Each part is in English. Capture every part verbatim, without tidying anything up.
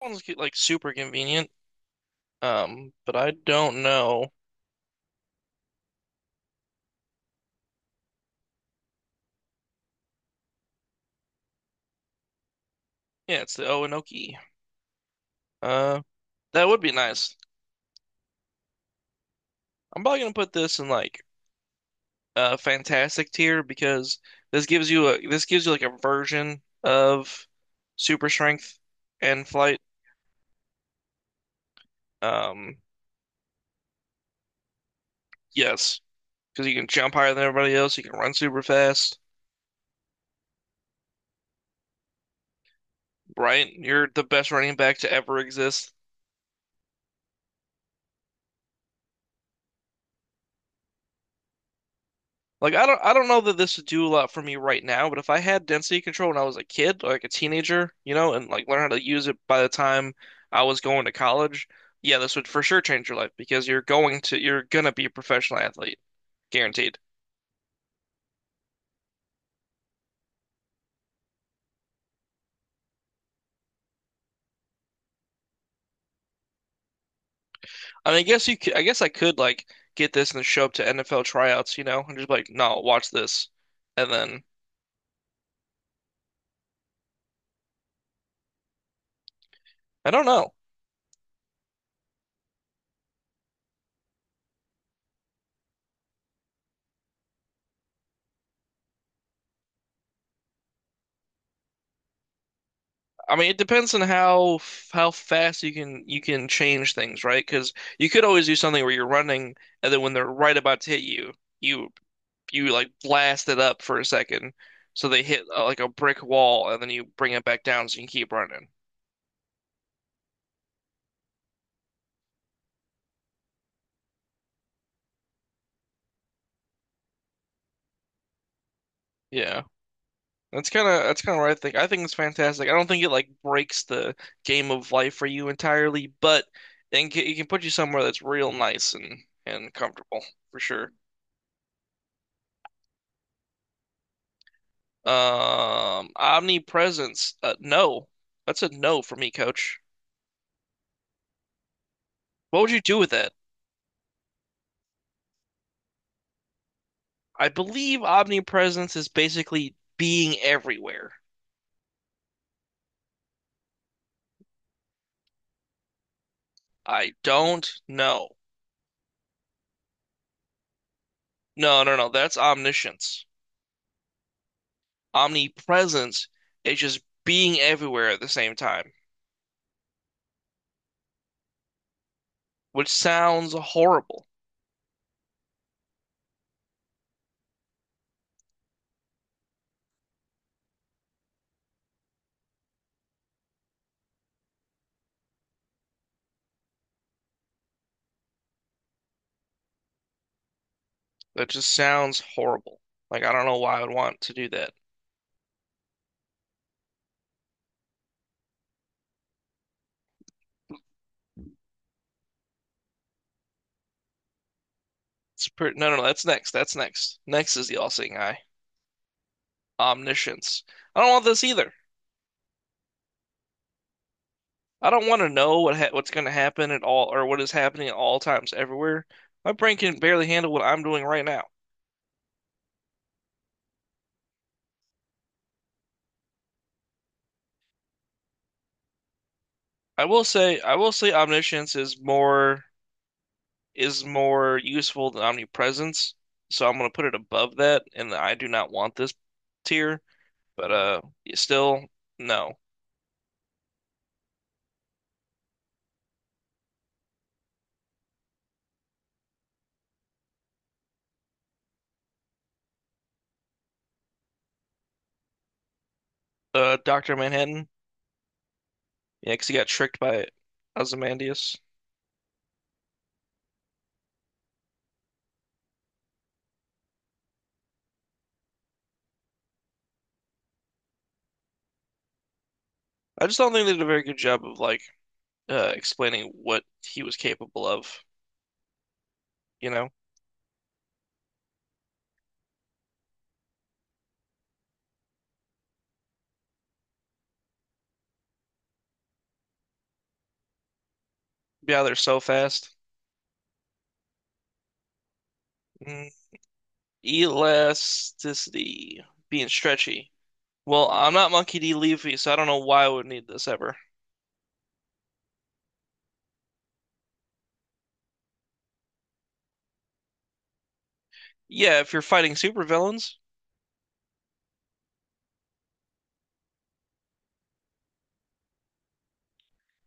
One's like super convenient. Um, but I don't know. Yeah, it's the Oenoki. Uh, that would be nice. I'm probably gonna put this in like a fantastic tier because this gives you a this gives you like a version of super strength and flight. Um, yes, because you can jump higher than everybody else. You can run super fast. Right? You're the best running back to ever exist. Like I don't I don't know that this would do a lot for me right now, but if I had density control when I was a kid, like a teenager, you know, and like learn how to use it by the time I was going to college, yeah, this would for sure change your life because you're going to you're gonna be a professional athlete, guaranteed. I mean, I guess you could, I guess I could like get this and show up to N F L tryouts, you know, and just be like, no, watch this, and then I don't know. I mean, it depends on how how fast you can you can change things, right? Because you could always do something where you're running, and then when they're right about to hit you, you you like blast it up for a second, so they hit uh, like a brick wall, and then you bring it back down so you can keep running. Yeah, that's kind of that's kind of what I think. I think it's fantastic. I don't think it like breaks the game of life for you entirely, but it can, it can put you somewhere that's real nice and and comfortable for sure. Um, omnipresence. Uh, no, that's a no for me, coach. What would you do with that? I believe omnipresence is basically being everywhere. I don't know. No, no, no. That's omniscience. Omnipresence is just being everywhere at the same time, which sounds horrible. That just sounds horrible. Like I don't know why I would want to do that. It's pretty. No, no, no. That's next. That's next. Next is the all-seeing eye. Omniscience. I don't want this either. I don't want to know what ha what's going to happen at all or what is happening at all times everywhere. My brain can barely handle what I'm doing right now. I will say, I will say omniscience is more is more useful than omnipresence. So I'm going to put it above that and I do not want this tier, but uh still no. Uh doctor Manhattan, yeah, 'cause he got tricked by Ozymandias. I just don't think they did a very good job of like uh explaining what he was capable of, you know? Be out there so fast. Mm. Elasticity. Being stretchy. Well, I'm not Monkey D. Luffy, so I don't know why I would need this ever. Yeah, if you're fighting supervillains.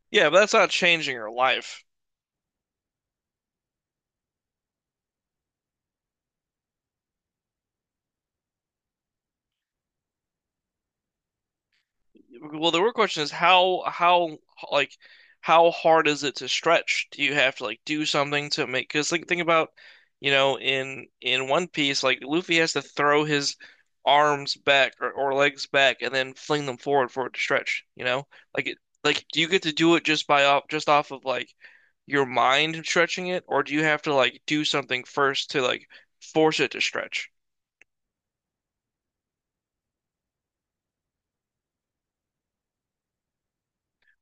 Yeah, but that's not changing your life. Well, the real question is how how like how hard is it to stretch? Do you have to like do something to make? Because like think about you know in in One Piece like Luffy has to throw his arms back or, or legs back and then fling them forward for it to stretch. You know like it, like do you get to do it just by off just off of like your mind stretching it, or do you have to like do something first to like force it to stretch?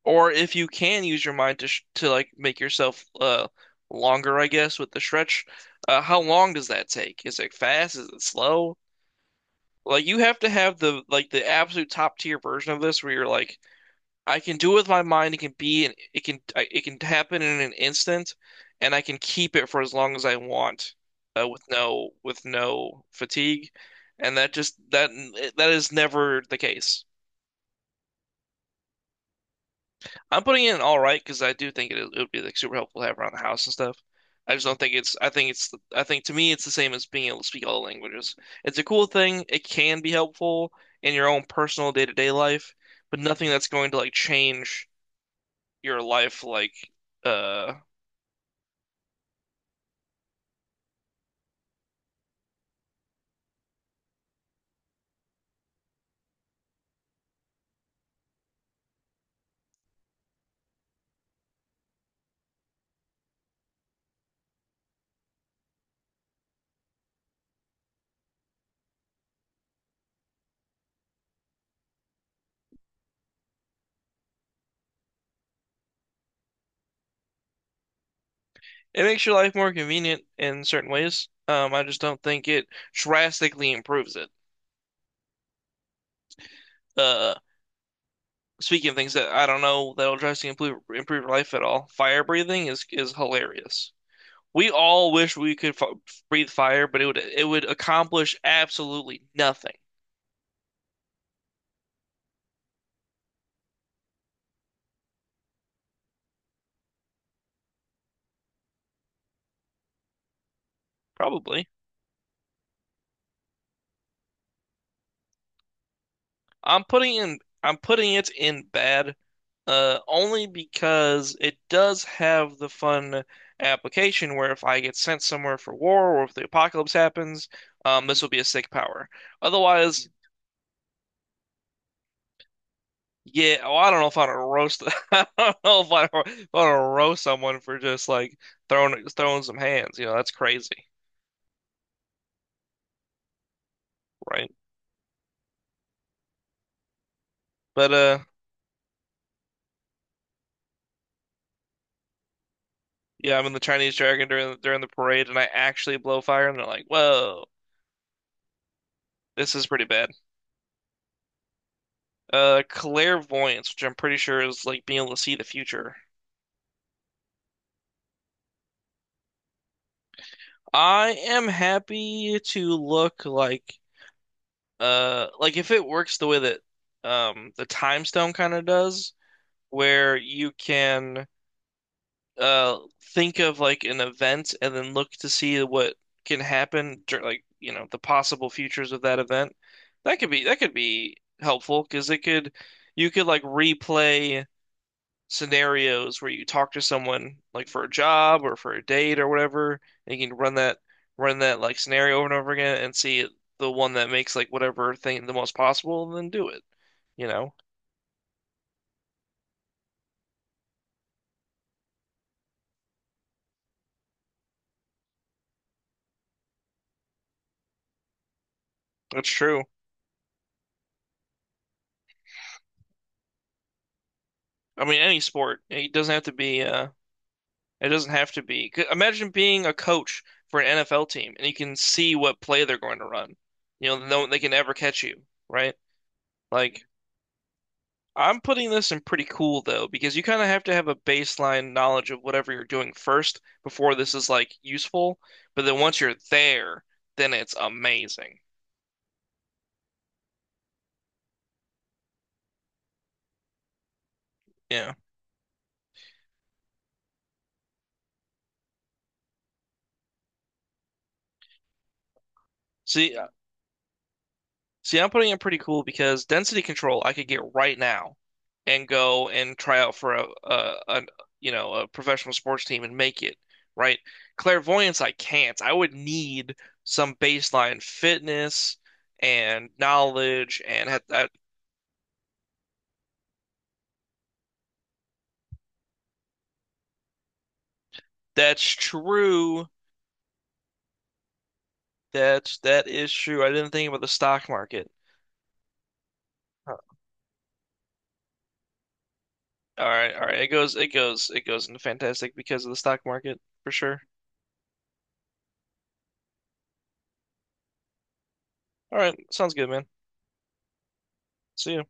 Or if you can use your mind to sh to like make yourself uh longer, I guess, with the stretch, uh, how long does that take? Is it fast? Is it slow? Like you have to have the like the absolute top tier version of this where you're like, I can do it with my mind. It can be, an- it can, I- it can happen in an instant, and I can keep it for as long as I want, uh, with no with no fatigue, and that just that that is never the case. I'm putting it in all right because I do think it, it would be like super helpful to have around the house and stuff. I just don't think it's. I think it's. I think to me, it's the same as being able to speak all the languages. It's a cool thing. It can be helpful in your own personal day-to-day life, but nothing that's going to like change your life. Like, uh, it makes your life more convenient in certain ways. Um, I just don't think it drastically improves it. Uh, Speaking of things that I don't know that'll drastically improve improve your life at all, fire breathing is is hilarious. We all wish we could f breathe fire, but it would it would accomplish absolutely nothing. Probably. I'm putting in I'm putting it in bad, uh, only because it does have the fun application where if I get sent somewhere for war or if the apocalypse happens, um, this will be a sick power. Otherwise, yeah. Oh, I don't know if I'd roast. I don't know if I'd, if I'd roast someone for just like throwing throwing some hands. You know, that's crazy, right? But uh. yeah, I'm in the Chinese Dragon during during the parade, and I actually blow fire, and they're like, "Whoa, this is pretty bad." Uh, clairvoyance, which I'm pretty sure is like being able to see the future. I am happy to look like uh like if it works the way that um the time stone kind of does, where you can uh think of like an event and then look to see what can happen dur like you know the possible futures of that event that could be that could be helpful because it could you could like replay scenarios where you talk to someone like for a job or for a date or whatever and you can run that run that like scenario over and over again and see the one that makes like whatever thing the most possible and then do it you know that's true. I mean any sport it doesn't have to be uh it doesn't have to be. 'Cause imagine being a coach for an N F L team and you can see what play they're going to run. You know, no, they can never catch you, right? Like, I'm putting this in pretty cool though, because you kind of have to have a baseline knowledge of whatever you're doing first before this is like useful. But then once you're there, then it's amazing. Yeah. See, See, I'm putting in pretty cool because density control I could get right now and go and try out for a, a, a you know a professional sports team and make it, right? Clairvoyance I can't. I would need some baseline fitness and knowledge and ha that, that's true. That's that is true. I didn't think about the stock market. Huh. All right, all right. It goes it goes it goes into fantastic because of the stock market for sure. All right, sounds good, man. See you.